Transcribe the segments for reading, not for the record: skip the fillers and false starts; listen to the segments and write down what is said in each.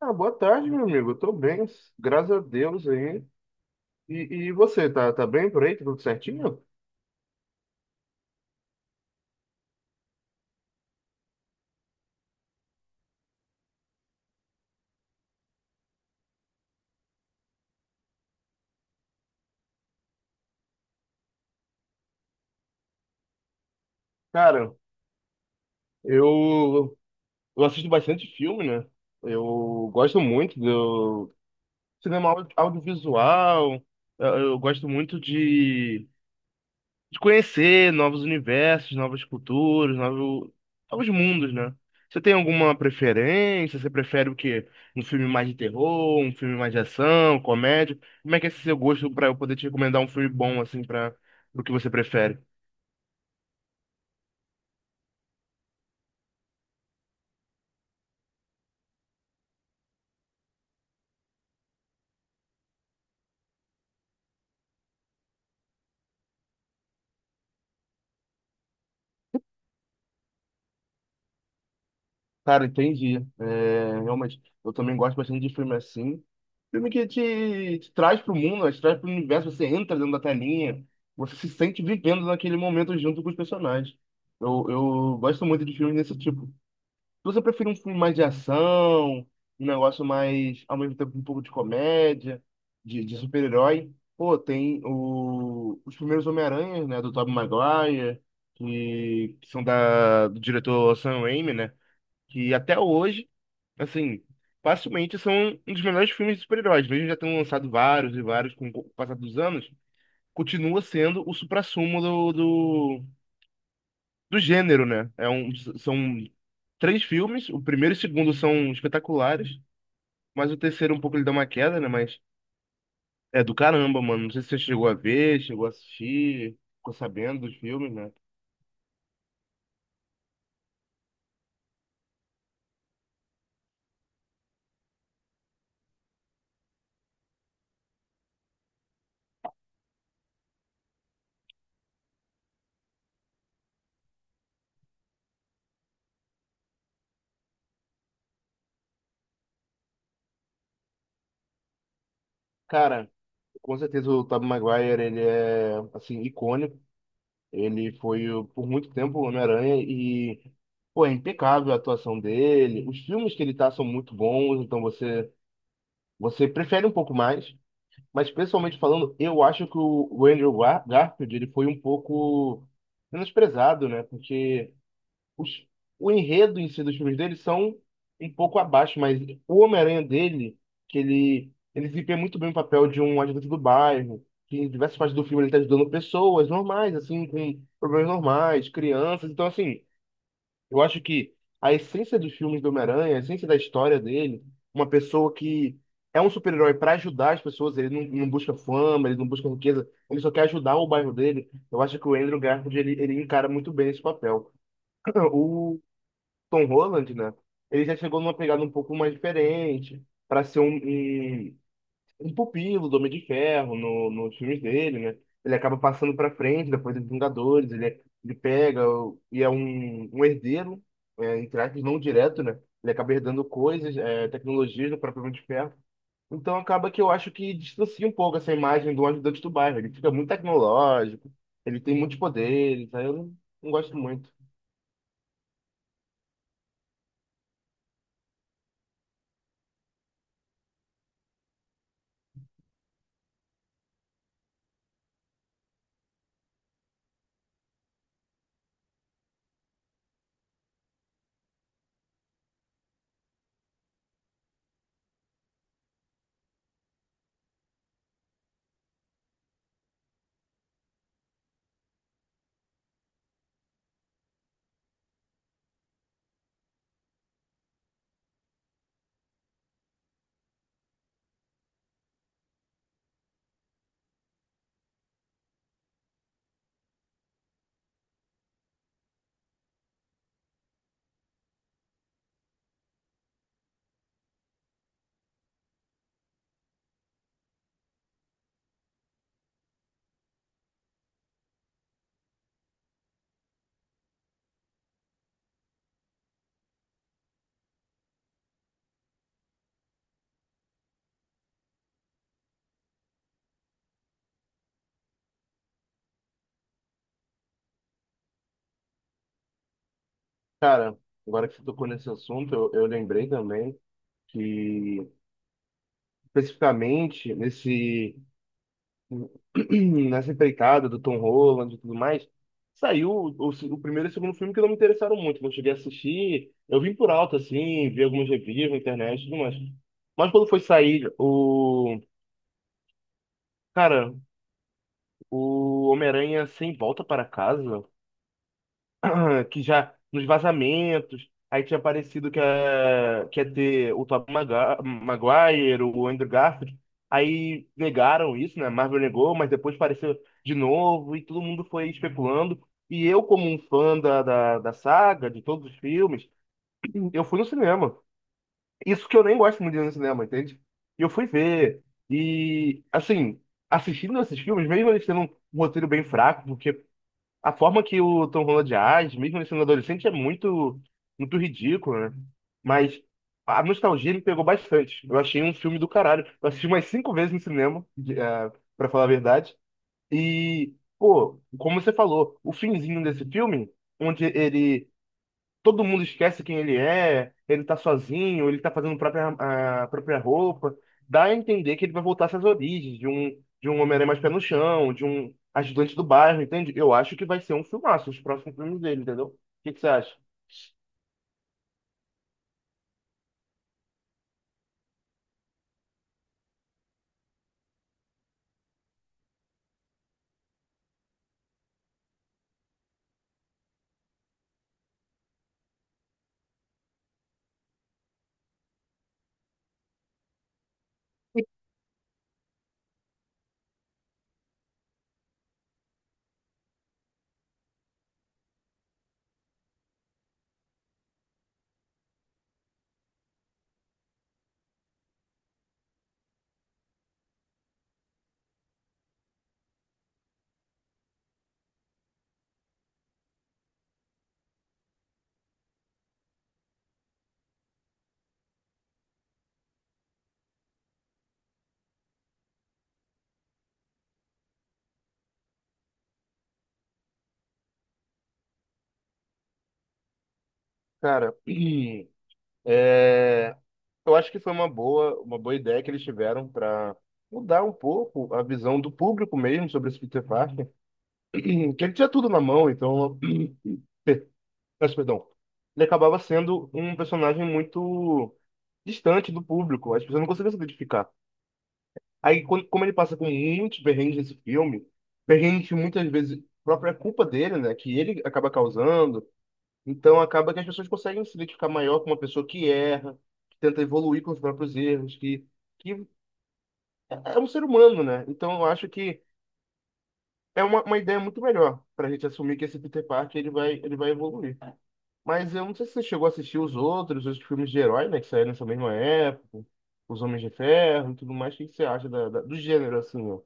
Ah, boa tarde, meu amigo. Eu tô bem, graças a Deus aí. E você, tá bem por aí? Tá tudo certinho? Cara, eu, eu assisto bastante filme, né? Eu gosto muito do cinema audiovisual. Eu gosto muito de conhecer novos universos, novas culturas, novos mundos, né? Você tem alguma preferência? Você prefere o quê? Um filme mais de terror, um filme mais de ação, comédia? Como é que é esse seu gosto pra eu poder te recomendar um filme bom, assim, para o que você prefere? Cara, entendi. É, realmente, eu também gosto bastante de filme assim. Filme que te traz pro mundo, né? Te traz pro universo, você entra dentro da telinha, você se sente vivendo naquele momento junto com os personagens. Eu gosto muito de filmes desse tipo. Você prefere um filme mais de ação, um negócio mais, ao mesmo tempo, um pouco de comédia, de super-herói? Pô, tem o, os primeiros Homem-Aranhas, né, do Tobey Maguire, que são da, do diretor Sam Raimi, né, que até hoje, assim, facilmente são um dos melhores filmes de super-heróis. Mesmo já tendo lançado vários e vários com o passar dos anos, continua sendo o suprassumo do, do gênero, né? É um, são três filmes, o primeiro e o segundo são espetaculares, mas o terceiro um pouco ele dá uma queda, né? Mas é do caramba, mano. Não sei se você chegou a ver, chegou a assistir, ficou sabendo dos filmes, né? Cara, com certeza o Tobey Maguire, ele é, assim, icônico. Ele foi, por muito tempo, o Homem-Aranha e, pô, é impecável a atuação dele. Os filmes que ele tá são muito bons, então você, você prefere um pouco mais. Mas pessoalmente falando, eu acho que o Andrew Garfield ele foi um pouco menosprezado, né? Porque os, o enredo em si dos filmes dele são um pouco abaixo, mas o Homem-Aranha dele, que ele desempenha muito bem o papel de um ajudante do bairro, que em diversas partes do filme ele está ajudando pessoas normais, assim, com problemas normais, crianças. Então, assim, eu acho que a essência dos filmes do Homem-Aranha, a essência da história dele, uma pessoa que é um super-herói para ajudar as pessoas, ele não, não busca fama, ele não busca riqueza, ele só quer ajudar o bairro dele. Eu acho que o Andrew Garfield ele encara muito bem esse papel. O Tom Holland, né? Ele já chegou numa pegada um pouco mais diferente, para ser um pupilo do Homem de Ferro no, nos filmes dele, né? Ele acaba passando pra frente depois dos Vingadores, ele, ele pega e é um herdeiro, é, entre aspas, não direto, né? Ele acaba herdando coisas, é, tecnologias do próprio Homem de Ferro. Então acaba que eu acho que distancia um pouco essa imagem do ajudante do bairro. Ele fica muito tecnológico, ele tem muitos poderes, aí eu não, não gosto muito. Cara, agora que você tocou nesse assunto, eu lembrei também que, especificamente, nesse nessa empreitada do Tom Holland e tudo mais, saiu o primeiro e o segundo filme que não me interessaram muito. Não cheguei a assistir. Eu vim por alto, assim, vi alguns reviews na internet e tudo mais. Mas quando foi sair o. Cara, o Homem-Aranha Sem Volta para Casa. Que já nos vazamentos, aí tinha parecido que ia ter o Tobey Maguire, o Andrew Garfield, aí negaram isso, né? Marvel negou, mas depois apareceu de novo e todo mundo foi especulando. E eu, como um fã da saga, de todos os filmes, eu fui no cinema. Isso que eu nem gosto muito de ir no cinema, entende? E eu fui ver. E, assim, assistindo esses filmes, mesmo eles tendo um roteiro bem fraco, porque a forma que o Tom Holland age, mesmo ele sendo adolescente, é muito ridícula, né? Mas a nostalgia me pegou bastante. Eu achei um filme do caralho. Eu assisti umas cinco vezes no cinema, pra falar a verdade. E, pô, como você falou, o finzinho desse filme, onde ele todo mundo esquece quem ele é, ele tá sozinho, ele tá fazendo própria, a própria roupa. Dá a entender que ele vai voltar às suas origens, de um Homem-Aranha mais pé no chão, de um ajudante do bairro, entende? Eu acho que vai ser um filmaço, os próximos filmes dele, entendeu? O que que você acha? Cara, é, eu acho que foi uma boa ideia que eles tiveram para mudar um pouco a visão do público mesmo sobre esse Peter Parker, que ele tinha tudo na mão, então perfeito, peço perdão. Ele acabava sendo um personagem muito distante do público. As pessoas não conseguiam se identificar. Aí, quando, como ele passa com muitos perrengues nesse filme, perrengues que muitas vezes própria culpa dele, né? Que ele acaba causando. Então, acaba que as pessoas conseguem se identificar maior com uma pessoa que erra, que tenta evoluir com os próprios erros, que é um ser humano, né? Então, eu acho que é uma ideia muito melhor para a gente assumir que esse Peter Parker ele vai evoluir. Mas eu não sei se você chegou a assistir os outros, os filmes de herói, né, que saíram nessa mesma época, os Homens de Ferro e tudo mais. O que que você acha da, do gênero, assim, ó?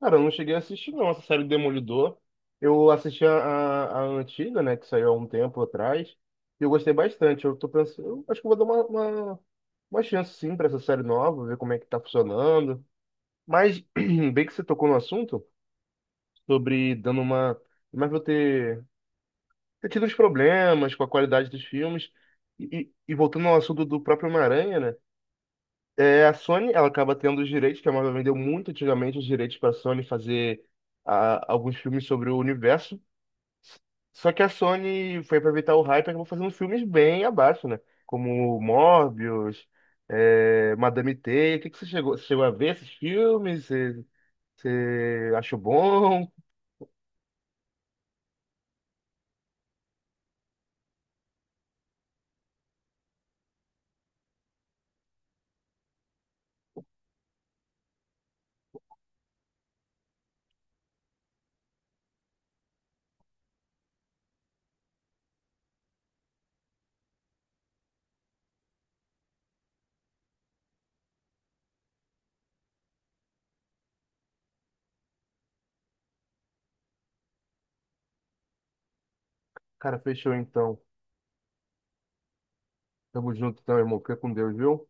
Cara, eu não cheguei a assistir, não, essa série do Demolidor. Eu assisti a antiga, né, que saiu há um tempo atrás, e eu gostei bastante. Eu tô pensando, eu acho que eu vou dar uma chance, sim, pra essa série nova, ver como é que tá funcionando. Mas, bem que você tocou no assunto, sobre dando uma... Mas vou ter. Ter tido uns problemas com a qualidade dos filmes. E voltando ao assunto do próprio Homem-Aranha, né? É, a Sony, ela acaba tendo os direitos, que a Marvel vendeu muito antigamente os direitos para a Sony fazer ah, alguns filmes sobre o universo. Só que a Sony foi aproveitar o hype e acabou fazendo filmes bem abaixo, né? Como Morbius, é, Madame Teia. O que, que você chegou a ver esses filmes? Você, você achou bom? Cara, fechou então. Tamo junto então, irmão. Fica com Deus, viu?